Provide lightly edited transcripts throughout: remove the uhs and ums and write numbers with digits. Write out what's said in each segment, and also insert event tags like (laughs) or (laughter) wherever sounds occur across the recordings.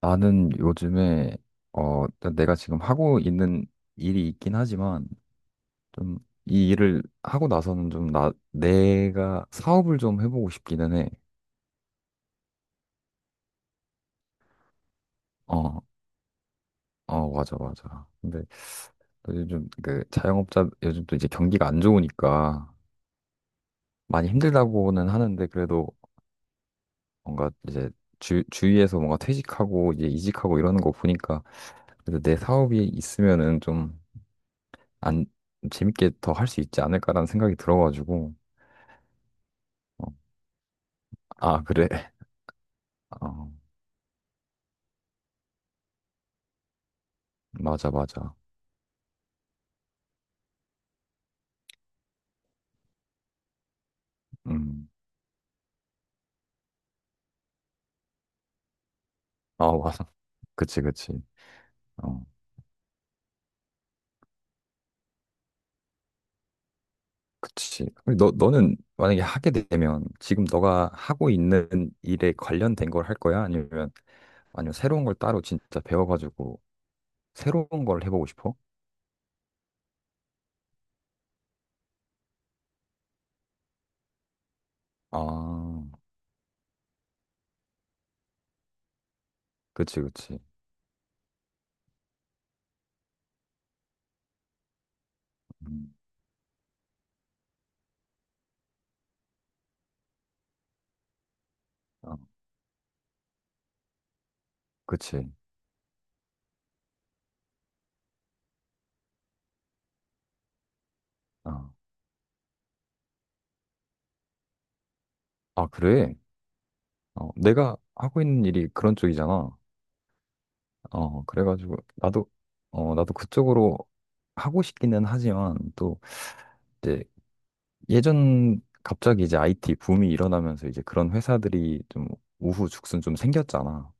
나는 요즘에 일단 내가 지금 하고 있는 일이 있긴 하지만, 좀 이 일을 하고 나서는 좀 나 내가 사업을 좀 해보고 싶기는 해. 어, 어 맞아 맞아. 근데 요즘 좀 그 자영업자 요즘 또 이제 경기가 안 좋으니까 많이 힘들다고는 하는데, 그래도 뭔가 이제 주 주위에서 뭔가 퇴직하고 이제 이직하고 이러는 거 보니까, 그래도 내 사업이 있으면은 좀 안 재밌게 더 할 수 있지 않을까라는 생각이 들어가지고. 어, 아, 그래. 어, 맞아, 맞아. 음. 아, 맞아. (laughs) 그치, 그치. 어, 그치. 근데 너는 만약에 하게 되면 지금 너가 하고 있는 일에 관련된 걸 할 거야? 아니면 새로운 걸 따로 진짜 배워가지고 새로운 걸 해보고 싶어? 아, 그치, 그치. 음, 어, 그치. 어. 아, 그래. 어, 내가 하고 있는 일이 그런 쪽이잖아. 어, 그래가지고 나도 그쪽으로 하고 싶기는 하지만 또 이제 예전 갑자기 이제 IT 붐이 일어나면서 이제 그런 회사들이 좀 우후죽순 좀 생겼잖아.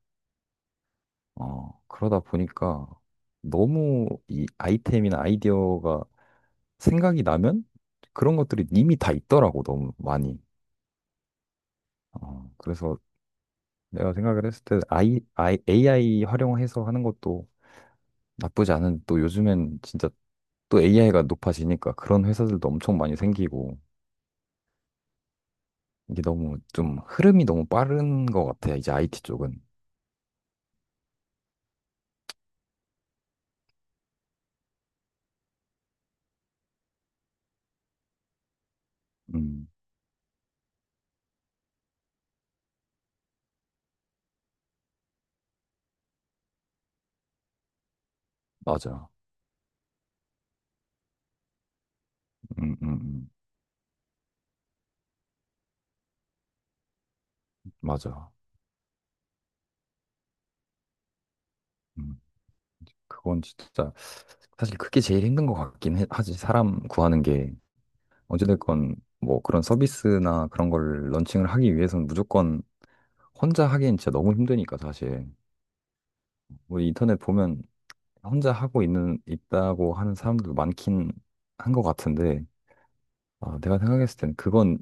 어, 그러다 보니까 너무 이 아이템이나 아이디어가 생각이 나면 그런 것들이 이미 다 있더라고, 너무 많이. 어, 그래서 내가 생각을 했을 때 AI 활용해서 하는 것도 나쁘지 않은, 또 요즘엔 진짜 또 AI가 높아지니까 그런 회사들도 엄청 많이 생기고, 이게 너무 좀 흐름이 너무 빠른 것 같아, 이제 IT 쪽은. 음, 맞아. 음, 음, 음, 맞아. 음, 그건 진짜, 사실 그게 제일 힘든 것 같긴 해. 하지. 사람 구하는 게, 어찌됐건, 뭐 그런 서비스나 그런 걸 런칭을 하기 위해서는 무조건 혼자 하기엔 진짜 너무 힘드니까, 사실. 뭐 인터넷 보면 혼자 하고 있는, 있다고 하는 사람들도 많긴 한 것 같은데, 아, 내가 생각했을 땐 그건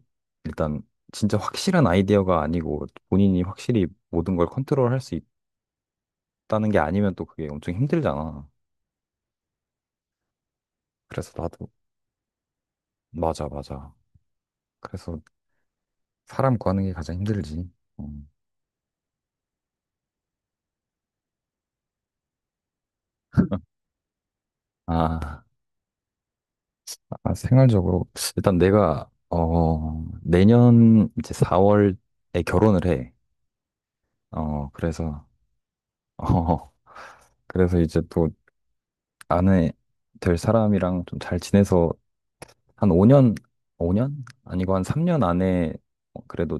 일단 진짜 확실한 아이디어가 아니고 본인이 확실히 모든 걸 컨트롤 할 수 있다는 게 아니면 또 그게 엄청 힘들잖아. 그래서 나도 맞아 맞아. 그래서 사람 구하는 게 가장 힘들지. 음. 아, 아, 생활적으로 일단 내가 내년 이제 4월에 결혼을 해. 그래서 어 그래서 이제 또 아내 될 사람이랑 좀 잘 지내서 한 5년, 5년 아니고 한 3년 안에 어, 그래도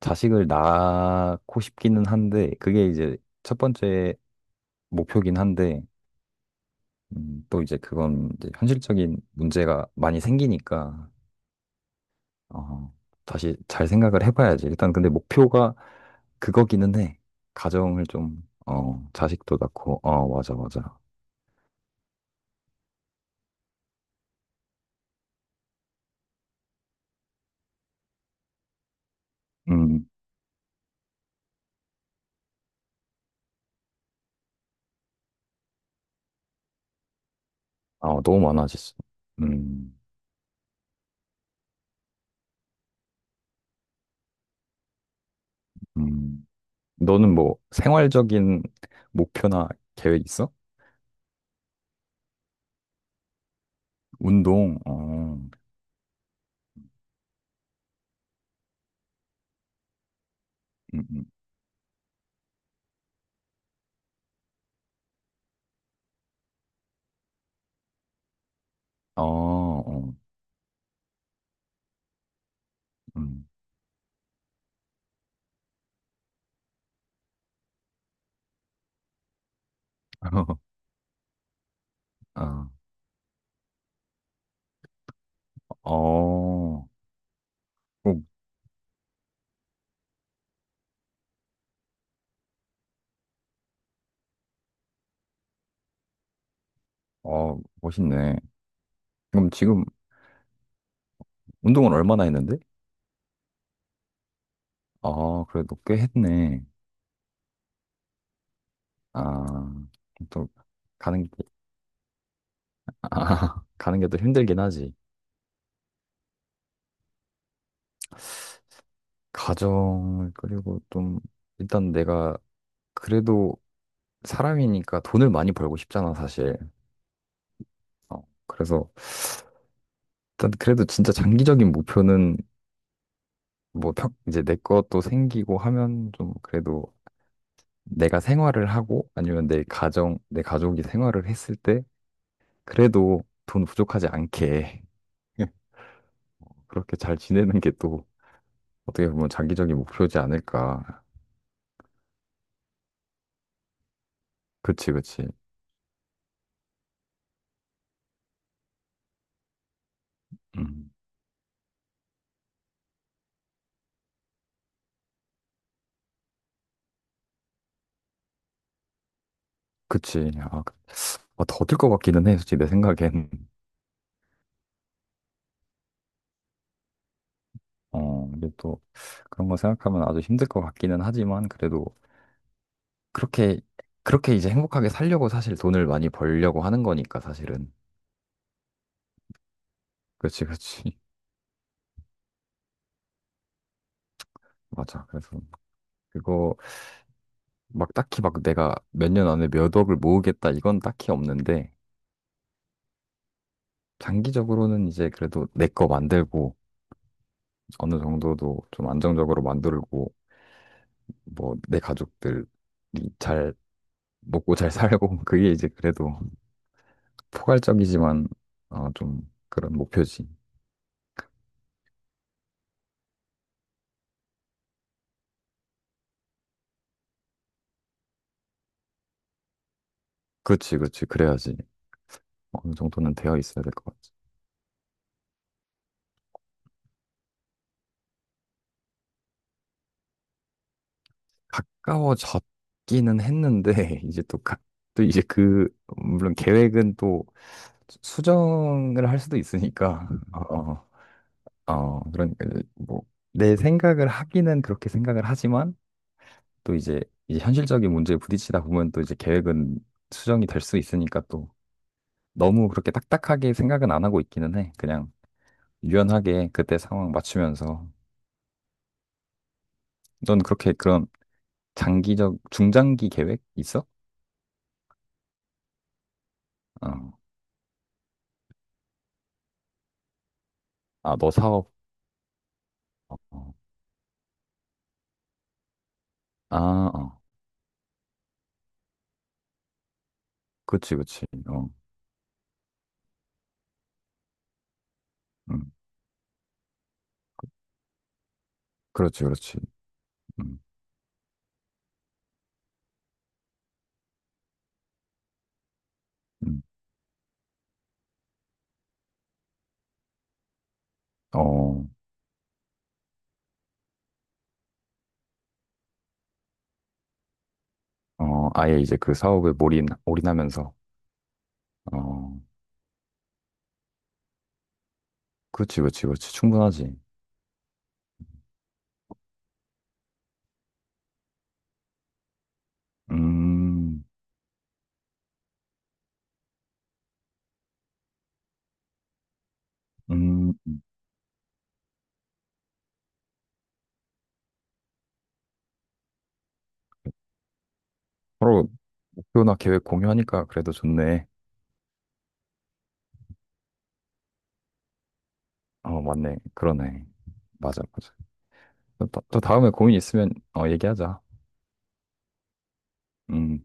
자식을 낳고 싶기는 한데 그게 이제 첫 번째 목표긴 한데, 또 이제 그건 이제 현실적인 문제가 많이 생기니까 어, 다시 잘 생각을 해봐야지. 일단 근데 목표가 그거기는 해. 가정을 좀 어, 자식도 낳고 어 맞아 맞아. 음, 아 너무 많아졌어. 음, 음. 너는 뭐 생활적인 목표나 계획 있어? 운동. 어, 음. 어, 어, 음. (laughs) 아, 어, 어, 어, 멋있네. 그럼 지금 운동을 얼마나 했는데? 아, 그래도 꽤 했네. 아, 또, 가는 게, 아, (laughs) 가는 게 또 힘들긴 하지. 가정을 그리고 좀, 일단 내가 그래도 사람이니까 돈을 많이 벌고 싶잖아, 사실. 어, 그래서, 일단 그래도 진짜 장기적인 목표는 뭐, 평, 이제 내 것도 생기고 하면 좀 그래도 내가 생활을 하고 아니면 내 가정, 내 가족이 생활을 했을 때 그래도 돈 부족하지 않게 (laughs) 그렇게 잘 지내는 게또 어떻게 보면 장기적인 목표지 않을까. 그치, 그치. 음, 그치. 아, 더들 것 같기는 해, 솔직히 내 생각엔. 어, 이게 또 그런 거 생각하면 아주 힘들 것 같기는 하지만 그래도 그렇게, 그렇게 이제 행복하게 살려고 사실 돈을 많이 벌려고 하는 거니까 사실은. 그치, 그치. (laughs) 맞아. 그래서 그거 막 딱히 막 내가 몇 년 안에 몇 억을 모으겠다 이건 딱히 없는데 장기적으로는 이제 그래도 내 거 만들고 어느 정도도 좀 안정적으로 만들고 뭐 내 가족들이 잘 먹고 잘 살고 (laughs) 그게 이제 그래도 포괄적이지만 어, 좀 그런 목표지. 그렇지, 그렇지. 그래야지 어느 정도는 되어 있어야 될 것 같지. 가까워졌기는 했는데 (laughs) 이제 또 가, 또 이제 그 물론 계획은 또 수정을 할 수도 있으니까 어, 어 그러니까 이제 뭐내 생각을 하기는 그렇게 생각을 하지만 또 이제 이 현실적인 문제에 부딪히다 보면 또 이제 계획은 수정이 될 수 있으니까 너무 그렇게 딱딱하게 생각은 안 하고 있기는 해. 그냥 유연하게 그때 상황 맞추면서. 넌 그렇게 그런 장기적, 중장기 계획 있어? 어. 아, 너 사업. 어. 아, 어. 그치, 그치. 어. 음. 그렇지, 그렇지. 음. 음. 어. 어. 아예 이제 그 사업에 올인하면서. 어. 그렇지, 그렇지, 그렇지. 충분하지. 음. 음. 서로 목표나 계획 공유하니까 그래도 좋네. 어, 맞네. 그러네. 맞아, 맞아. 또 다음에 고민 있으면 어, 얘기하자. 음.